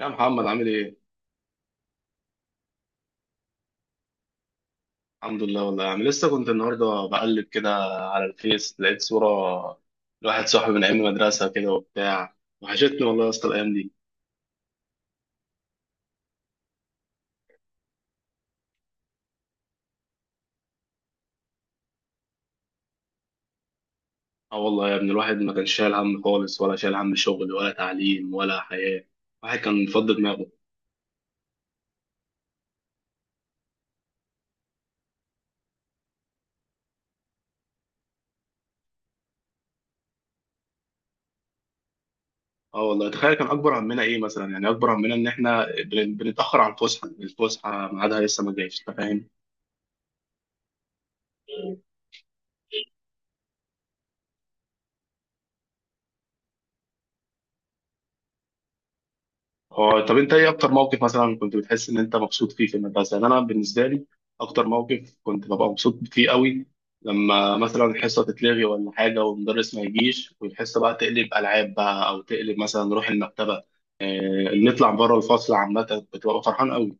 يا محمد عامل ايه؟ الحمد لله والله يا عم، لسه كنت النهارده بقلب كده على الفيس، لقيت صورة لواحد صاحبي من ايام المدرسة كده وبتاع. وحشتني والله يا اسطى الايام دي. اه والله يا ابني، الواحد ما كانش شايل هم خالص ولا شايل هم شغل ولا تعليم ولا حياة. الواحد كان فض دماغه. اه والله، تخيل كان اكبر همنا ايه مثلا؟ يعني اكبر همنا ان احنا بنتأخر على الفسحة، الفسحة ميعادها لسه ما جايش، انت فاهم؟ هو طب انت ايه اكتر موقف مثلا كنت بتحس ان انت مبسوط فيه في المدرسه؟ يعني انا بالنسبه لي اكتر موقف كنت ببقى مبسوط فيه قوي لما مثلا الحصه تتلغي ولا حاجه والمدرس ما يجيش، والحصه بقى تقلب العاب بقى او تقلب مثلا نروح المكتبه. اه نطلع بره الفصل عامه، كنت ببقى فرحان قوي.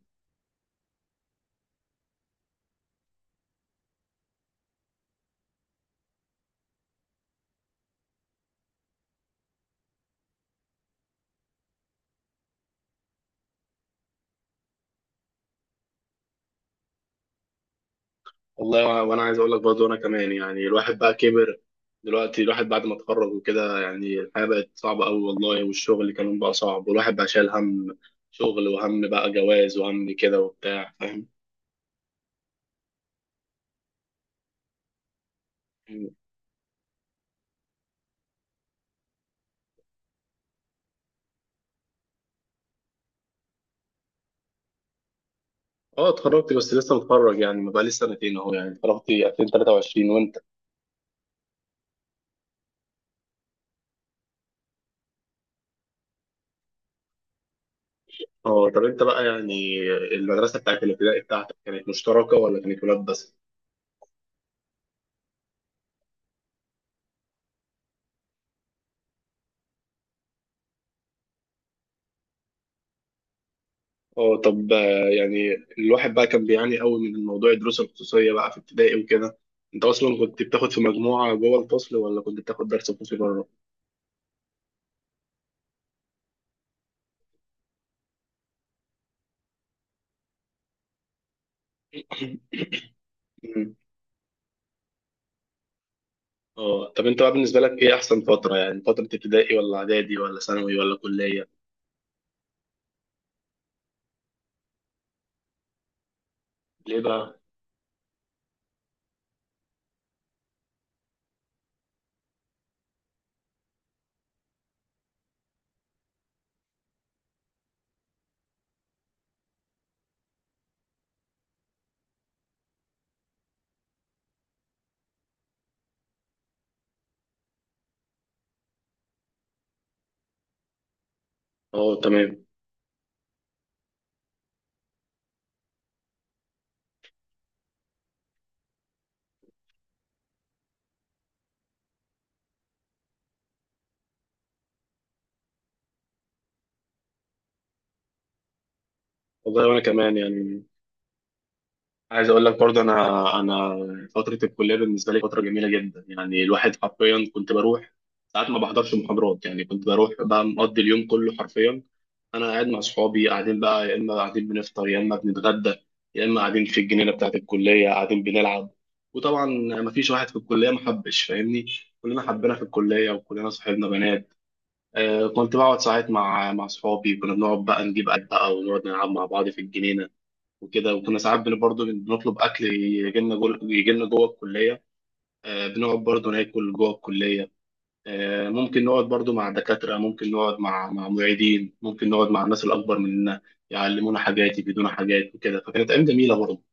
والله وانا عايز اقول لك برضه انا كمان، يعني الواحد بقى كبر دلوقتي، الواحد بعد ما اتخرج وكده يعني الحياه بقت صعبه قوي والله، والشغل اللي كمان بقى صعب، والواحد بقى شايل هم شغل وهم بقى جواز وهم كده وبتاع، فاهم. اه اتخرجت بس لسه متخرج، يعني ما بقى لي سنتين اهو، يعني اتخرجت 2023. وانت؟ اه طب انت بقى يعني المدرسه بتاعت الابتدائي بتاعتك كانت مشتركه ولا كانت ولاد بس؟ اه طب يعني الواحد بقى كان بيعاني قوي من الموضوع، الدروس الخصوصية بقى في ابتدائي وكده، انت اصلا كنت بتاخد في مجموعة جوه الفصل ولا كنت بتاخد درس خصوصي بره؟ مم. اه طب انت بقى بالنسبة لك ايه احسن فترة؟ يعني فترة ابتدائي ولا اعدادي ولا ثانوي ولا كلية؟ ليه بقى؟ اه تمام. والله وانا كمان يعني عايز اقول لك برضه انا فترة الكلية بالنسبة لي فترة جميلة جدا، يعني الواحد حرفيا كنت بروح ساعات ما بحضرش محاضرات، يعني كنت بروح بقى مقضي اليوم كله حرفيا انا قاعد مع اصحابي، قاعدين بقى يا اما قاعدين بنفطر يا اما بنتغدى، يا اما قاعدين في الجنينه بتاعت الكليه قاعدين بنلعب. وطبعا ما فيش واحد في الكليه ما حبش، فاهمني؟ كلنا حبينا في الكليه وكلنا صاحبنا بنات. آه كنت بقعد ساعات مع اصحابي، كنا بنقعد بقى نجيب اكل بقى ونقعد نلعب مع بعض في الجنينه وكده. وكنا ساعات برضه بنطلب اكل يجي لنا جوه الكليه. آه بنقعد برضه ناكل جوه الكليه. ممكن نقعد برضو مع دكاترة، ممكن نقعد مع معيدين، ممكن نقعد مع الناس الأكبر مننا يعلمونا حاجات، يفيدونا حاجات وكده، فكانت أيام جميلة برضو.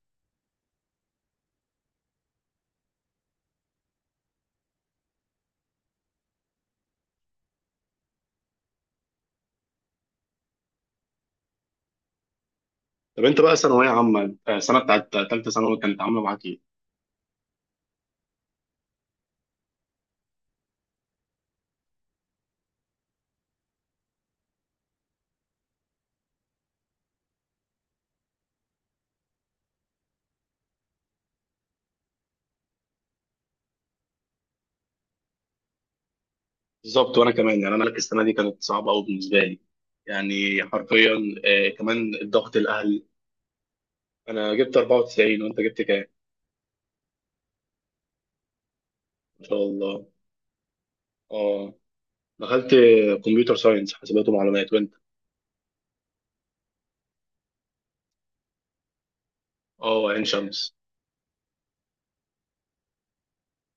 طب أنت بقى ثانوية عامة، السنة بتاعت تالتة ثانوي كانت عاملة معاك إيه؟ بالظبط، وأنا كمان يعني أنا لك السنة دي كانت صعبة أوي بالنسبة لي يعني حرفيا. كمان الضغط الأهل. أنا جبت 94، وأنت جبت كام؟ ما شاء الله. أه دخلت كمبيوتر ساينس حاسبات ومعلومات، وأنت؟ أه عين شمس.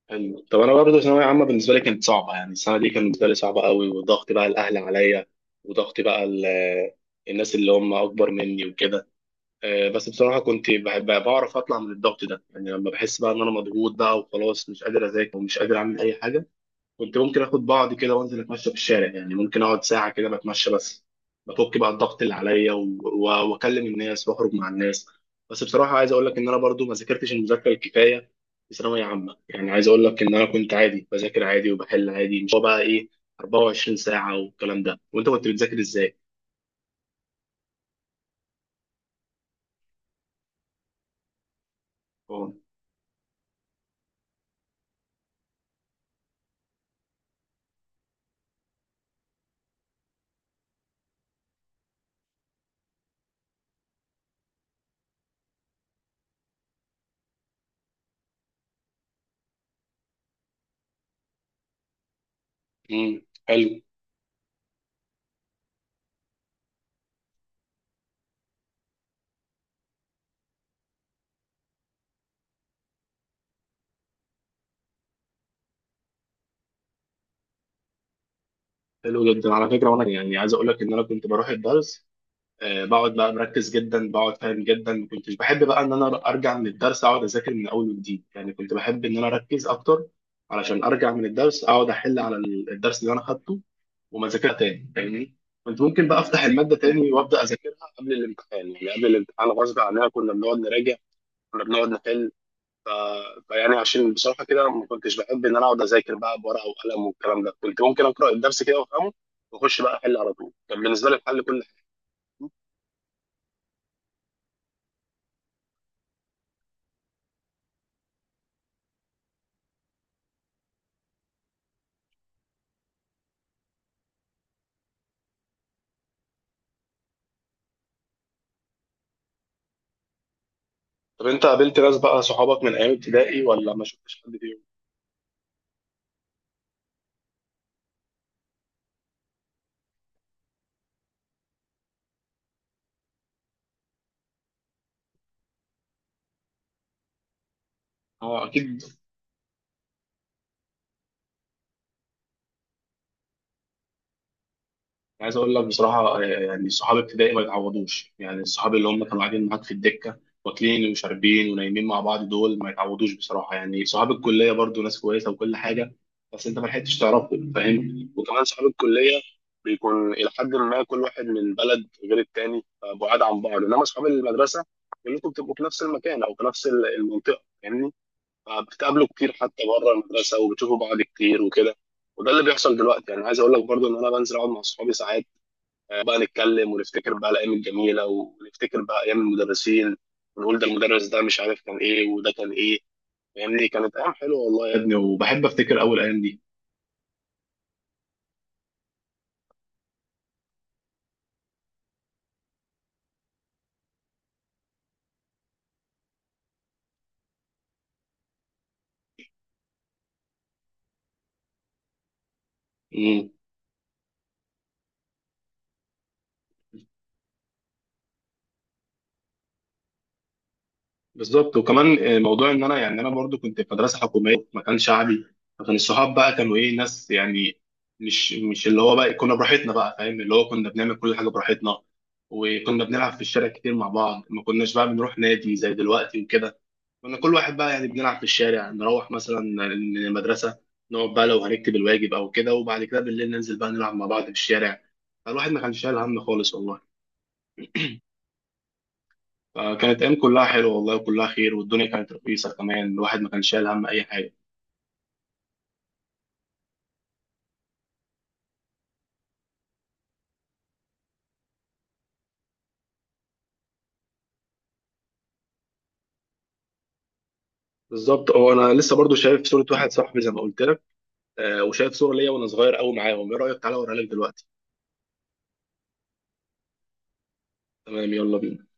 حلو. طب انا برضه ثانويه عامه بالنسبه لي كانت صعبه، يعني السنه دي كانت بالنسبه لي صعبه قوي، وضغط بقى الاهل عليا، وضغط بقى الناس اللي هم اكبر مني وكده. بس بصراحه كنت بحب بعرف اطلع من الضغط ده، يعني لما بحس بقى ان انا مضغوط بقى وخلاص مش قادر اذاكر ومش قادر اعمل اي حاجه، كنت ممكن اخد بعضي كده وانزل اتمشى في الشارع، يعني ممكن اقعد ساعه كده بتمشى بس بفك بقى الضغط اللي عليا، واكلم الناس واخرج مع الناس. بس بصراحه عايز اقول لك ان انا برضو ما ذاكرتش المذاكره الكفايه في ثانويه عامه، يعني عايز اقول لك ان انا كنت عادي بذاكر عادي وبحل عادي، مش هو بقى ايه 24 ساعه والكلام ده. وانت كنت بتذاكر ازاي؟ اه. امم. حلو. حلو جدا على فكره. وانا يعني عايز اقول لك ان انا كنت بروح الدرس، بقعد بقى مركز جدا، بقعد فاهم جدا، ما كنتش بحب بقى ان انا ارجع من الدرس اقعد اذاكر من اول وجديد، يعني كنت بحب ان انا اركز اكتر علشان ارجع من الدرس اقعد احل على الدرس اللي انا خدته، وما اذاكرها تاني، فاهمني؟ كنت ممكن بقى افتح الماده تاني وابدا اذاكرها قبل الامتحان، يعني قبل الامتحان غصب عننا كنا بنقعد نراجع، كنا بنقعد نحل. ف... فيعني عشان بصراحه كده ما كنتش بحب ان انا اقعد اذاكر بقى بورقه وقلم والكلام ده، كنت ممكن اقرا الدرس كده وافهمه واخش بقى احل على طول، كان بالنسبه لي الحل كل. طب انت قابلت ناس بقى صحابك من ايام ابتدائي ولا ما شفتش حد فيهم؟ هو اكيد. عايز اقول لك بصراحه، يعني صحاب ابتدائي ما يتعوضوش، يعني الصحاب اللي هم كانوا قاعدين معاك في الدكه واكلين وشاربين ونايمين مع بعض دول ما يتعوضوش بصراحه. يعني صحاب الكليه برضو ناس كويسه وكل حاجه، بس انت ما لحقتش تعرفهم، فاهم؟ وكمان صحاب الكليه بيكون الى حد ما كل بعد من بلد غير التاني، فبعاد عن بعض. انما اصحاب المدرسه كلكم بتبقوا في نفس المكان او في نفس المنطقه يعني، فبتقابله كتير حتى بره المدرسه وبتشوفوا بعض كتير وكده. وده اللي بيحصل دلوقتي، يعني عايز اقول لك برضو ان انا بنزل اقعد مع صحابي ساعات، بقى نتكلم ونفتكر بقى الايام الجميله، ونفتكر بقى ايام المدرسين، ونقول ده المدرس ده مش عارف كان ايه وده كان ايه، فاهمني؟ كانت ايام حلوه والله يا ابني، وبحب افتكر اول ايام دي. بالظبط. وكمان موضوع ان انا يعني انا برضو كنت في مدرسه حكوميه في مكان شعبي، فكان الصحاب بقى كانوا ايه، ناس يعني مش اللي هو بقى كنا براحتنا بقى، فاهم؟ اللي هو كنا بنعمل كل حاجه براحتنا، وكنا بنلعب في الشارع كتير مع بعض، ما كناش بقى بنروح نادي زي دلوقتي وكده. كنا كل واحد بقى يعني بنلعب في الشارع، نروح مثلا من المدرسه نقعد بقى لو هنكتب الواجب او كده، وبعد كده بالليل ننزل بقى نلعب مع بعض في الشارع. فالواحد ما كانش شايل هم خالص والله. فكانت ايام كلها حلوه والله، وكلها خير، والدنيا كانت رخيصه كمان، الواحد ما كانش شايل هم اي حاجه. بالظبط. هو انا لسه برضو شايف صوره واحد صاحبي زي ما قلت لك، وشايف صوره ليا وانا صغير قوي معاهم، ايه رايك تعالى اوريها لك دلوقتي؟ تمام يلا بينا.